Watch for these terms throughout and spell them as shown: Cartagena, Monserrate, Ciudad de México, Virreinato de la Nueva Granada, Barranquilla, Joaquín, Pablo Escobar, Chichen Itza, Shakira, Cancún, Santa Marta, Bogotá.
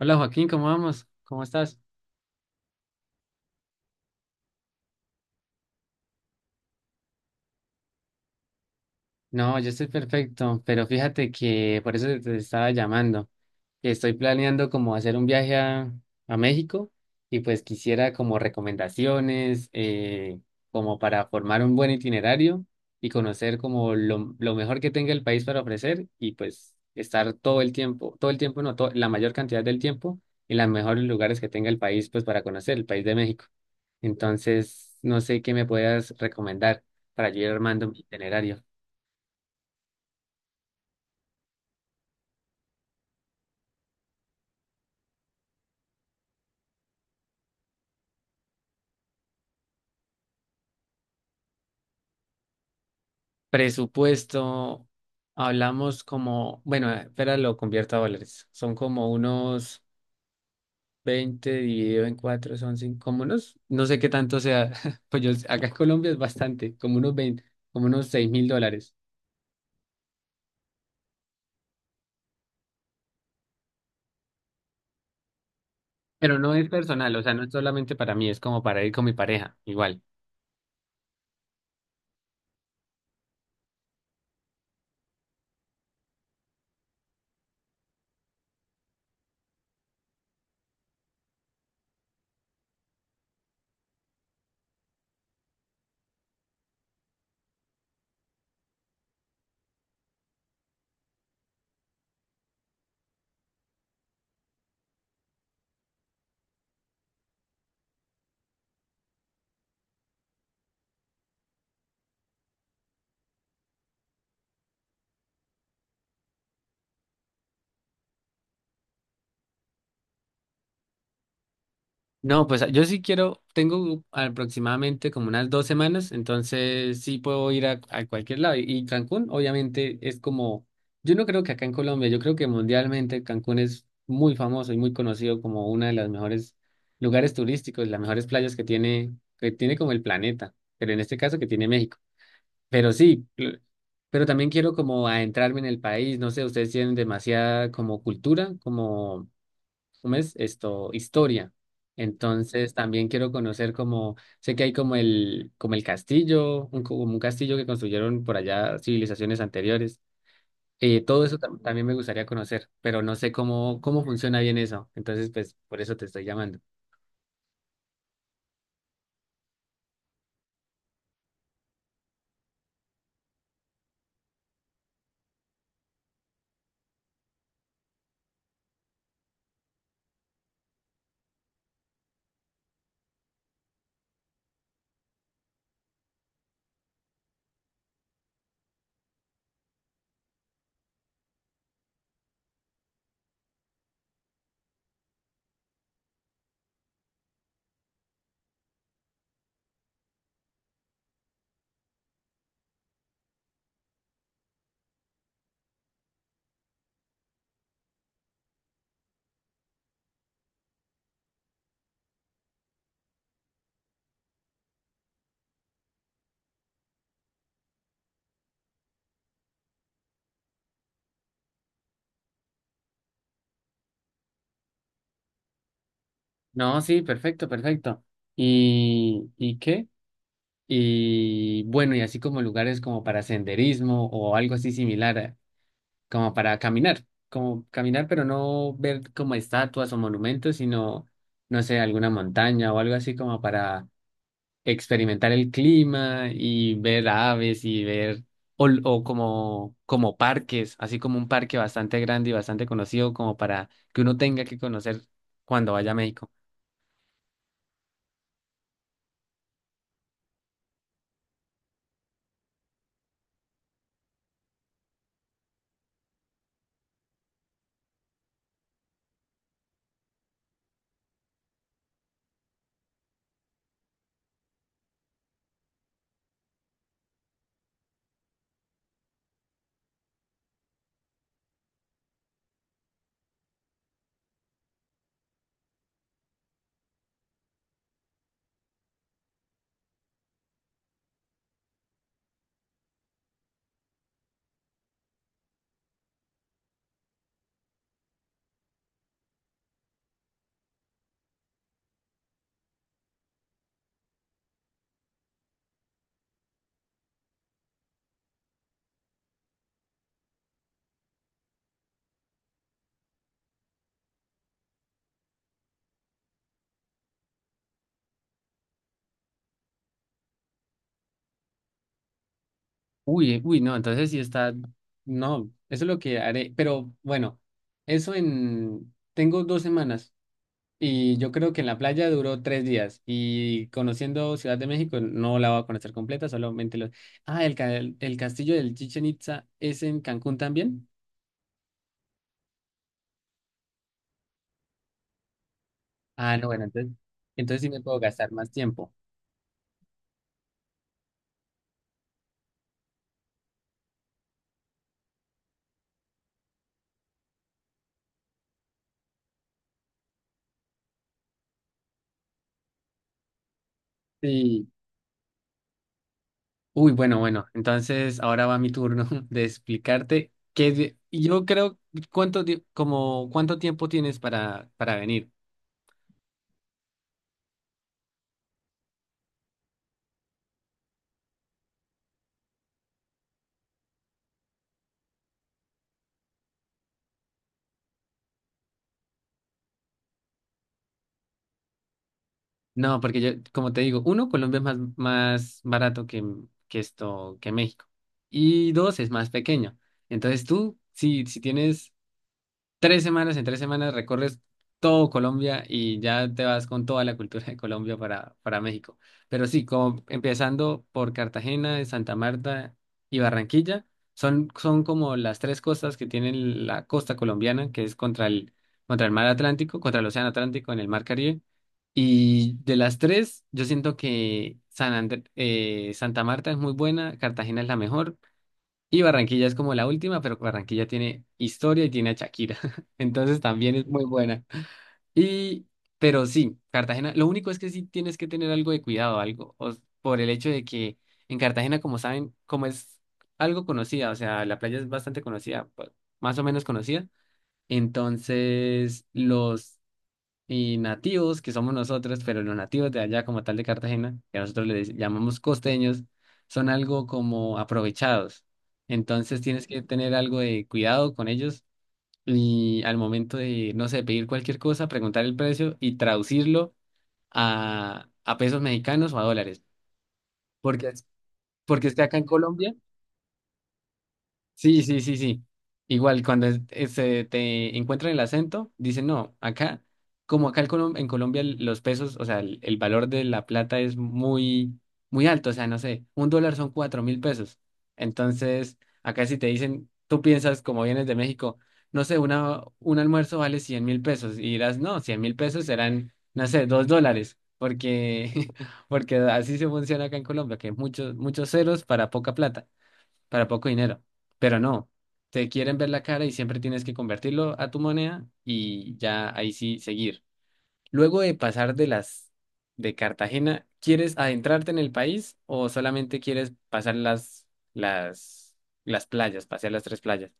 Hola Joaquín, ¿cómo vamos? ¿Cómo estás? No, yo estoy perfecto, pero fíjate que por eso te estaba llamando, que estoy planeando como hacer un viaje a México y pues quisiera como recomendaciones, como para formar un buen itinerario y conocer como lo mejor que tenga el país para ofrecer y pues estar todo el tiempo, no, la mayor cantidad del tiempo en los mejores lugares que tenga el país pues para conocer el país de México. Entonces, no sé qué me puedas recomendar para yo ir armando mi itinerario. Presupuesto, hablamos como, bueno, espera, lo convierto a dólares. Son como unos 20 dividido en 4 son cinco, como unos, no sé qué tanto sea, pues yo, acá en Colombia es bastante, como unos 20 como unos $6,000. Pero no es personal, o sea, no es solamente para mí, es como para ir con mi pareja, igual. No, pues yo sí quiero, tengo aproximadamente como unas 2 semanas, entonces sí puedo ir a cualquier lado. Y Cancún, obviamente, es como, yo no creo que acá en Colombia, yo creo que mundialmente Cancún es muy famoso y muy conocido como una de las mejores lugares turísticos, las mejores playas que tiene como el planeta, pero en este caso que tiene México. Pero sí, pero también quiero como adentrarme en el país, no sé, ustedes tienen demasiada como cultura, como ¿cómo es esto? Historia. Entonces también quiero conocer como, sé que hay como el castillo, como un castillo que construyeron por allá civilizaciones anteriores. Todo eso también me gustaría conocer, pero no sé cómo funciona bien eso. Entonces, pues por eso te estoy llamando. No, sí, perfecto, perfecto. ¿Y qué? Y bueno, y así como lugares como para senderismo o algo así similar. Como para caminar, como caminar, pero no ver como estatuas o monumentos, sino, no sé, alguna montaña o algo así como para experimentar el clima y ver aves y ver, o como parques, así como un parque bastante grande y bastante conocido, como para que uno tenga que conocer cuando vaya a México. Uy, uy, no, entonces sí está, no, eso es lo que haré, pero bueno, tengo 2 semanas. Y yo creo que en la playa duró 3 días y conociendo Ciudad de México no la voy a conocer completa, solamente los. Ah, el castillo del Chichen Itza es en Cancún también. Ah, no, bueno, entonces sí me puedo gastar más tiempo. Sí. Uy, bueno, bueno, entonces ahora va mi turno de explicarte qué. Yo creo, ¿cuánto tiempo tienes para venir? No, porque yo, como te digo, uno, Colombia es más barato que esto, que México. Y dos, es más pequeño. Entonces tú, si tienes tres semanas, en 3 semanas recorres todo Colombia y ya te vas con toda la cultura de Colombia para México. Pero sí, como empezando por Cartagena, Santa Marta y Barranquilla, son como las tres costas que tienen la costa colombiana, que es contra el mar Atlántico, contra el océano Atlántico en el mar Caribe. Y de las tres, yo siento que Santa Marta es muy buena, Cartagena es la mejor y Barranquilla es como la última, pero Barranquilla tiene historia y tiene a Shakira. Entonces también es muy buena. Y, pero sí, Cartagena, lo único es que sí tienes que tener algo de cuidado, algo, por el hecho de que en Cartagena, como saben, como es algo conocida, o sea, la playa es bastante conocida, pues, más o menos conocida. Entonces, los y nativos, que somos nosotros, pero los nativos de allá como tal de Cartagena, que nosotros les llamamos costeños, son algo como aprovechados. Entonces tienes que tener algo de cuidado con ellos y al momento de, no sé, pedir cualquier cosa, preguntar el precio y traducirlo a pesos mexicanos o a dólares. Porque, porque es que acá en Colombia. Sí, sí, sí, sí. Igual, cuando te encuentran el acento, dicen, no, acá, como acá en Colombia los pesos, o sea, el valor de la plata es muy, muy alto, o sea, no sé, un dólar son 4,000 pesos. Entonces, acá si te dicen, tú piensas, como vienes de México, no sé, un almuerzo vale 100,000 pesos, y dirás, no, 100,000 pesos serán, no sé, $2, porque, porque así se funciona acá en Colombia, que muchos, muchos ceros para poca plata para poco dinero. Pero no, te quieren ver la cara y siempre tienes que convertirlo a tu moneda y ya ahí sí seguir. Luego de pasar de Cartagena, ¿quieres adentrarte en el país o solamente quieres pasar las las playas, pasear las tres playas?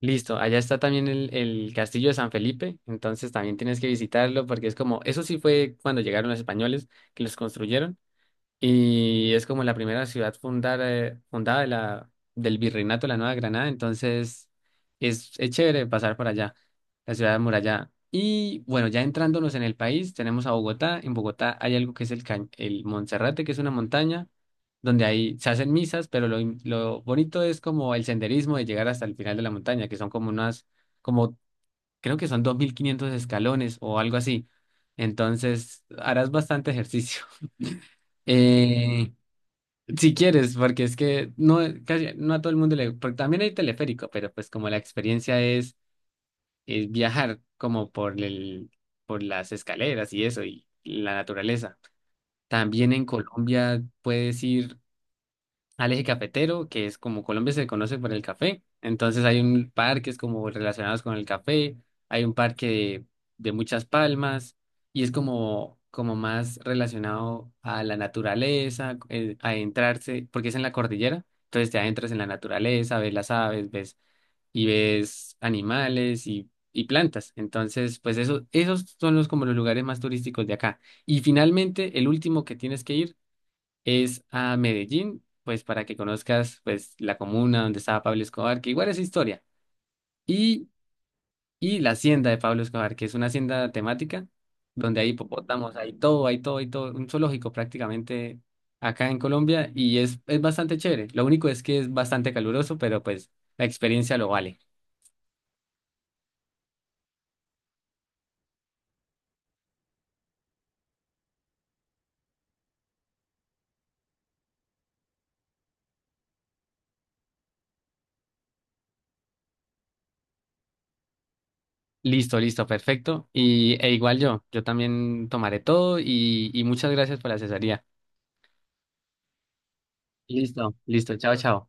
Listo, allá está también el castillo de San Felipe, entonces también tienes que visitarlo porque es como, eso sí fue cuando llegaron los españoles que los construyeron y es como la primera ciudad fundada del Virreinato de la Nueva Granada, entonces es chévere pasar por allá, la ciudad amurallada. Y bueno, ya entrándonos en el país, tenemos a Bogotá. En Bogotá hay algo que es el Monserrate, que es una montaña donde ahí se hacen misas, pero lo bonito es como el senderismo de llegar hasta el final de la montaña, que son como creo que son 2,500 escalones o algo así. Entonces, harás bastante ejercicio. Eh, si quieres, porque es que no, casi, no a todo el mundo le. Porque también hay teleférico, pero pues como la experiencia es viajar como por las escaleras y eso, y la naturaleza. También en Colombia puedes ir al eje cafetero, que es como Colombia se conoce por el café. Entonces hay un parques como relacionados con el café, hay un parque de muchas palmas y es como más relacionado a la naturaleza, a adentrarse, porque es en la cordillera, entonces te adentras en la naturaleza, ves las aves, ves y ves animales y plantas. Entonces, pues eso, esos son los como los lugares más turísticos de acá. Y finalmente, el último que tienes que ir es a Medellín, pues para que conozcas pues la comuna donde estaba Pablo Escobar, que igual es historia, y, y la hacienda de Pablo Escobar, que es una hacienda temática donde hay hipopótamos, hay todo, hay todo, hay todo, un zoológico prácticamente acá en Colombia y es bastante chévere. Lo único es que es bastante caluroso, pero pues la experiencia lo vale. Listo, listo, perfecto. E igual yo, yo también tomaré todo y muchas gracias por la asesoría. Listo, listo, chao, chao.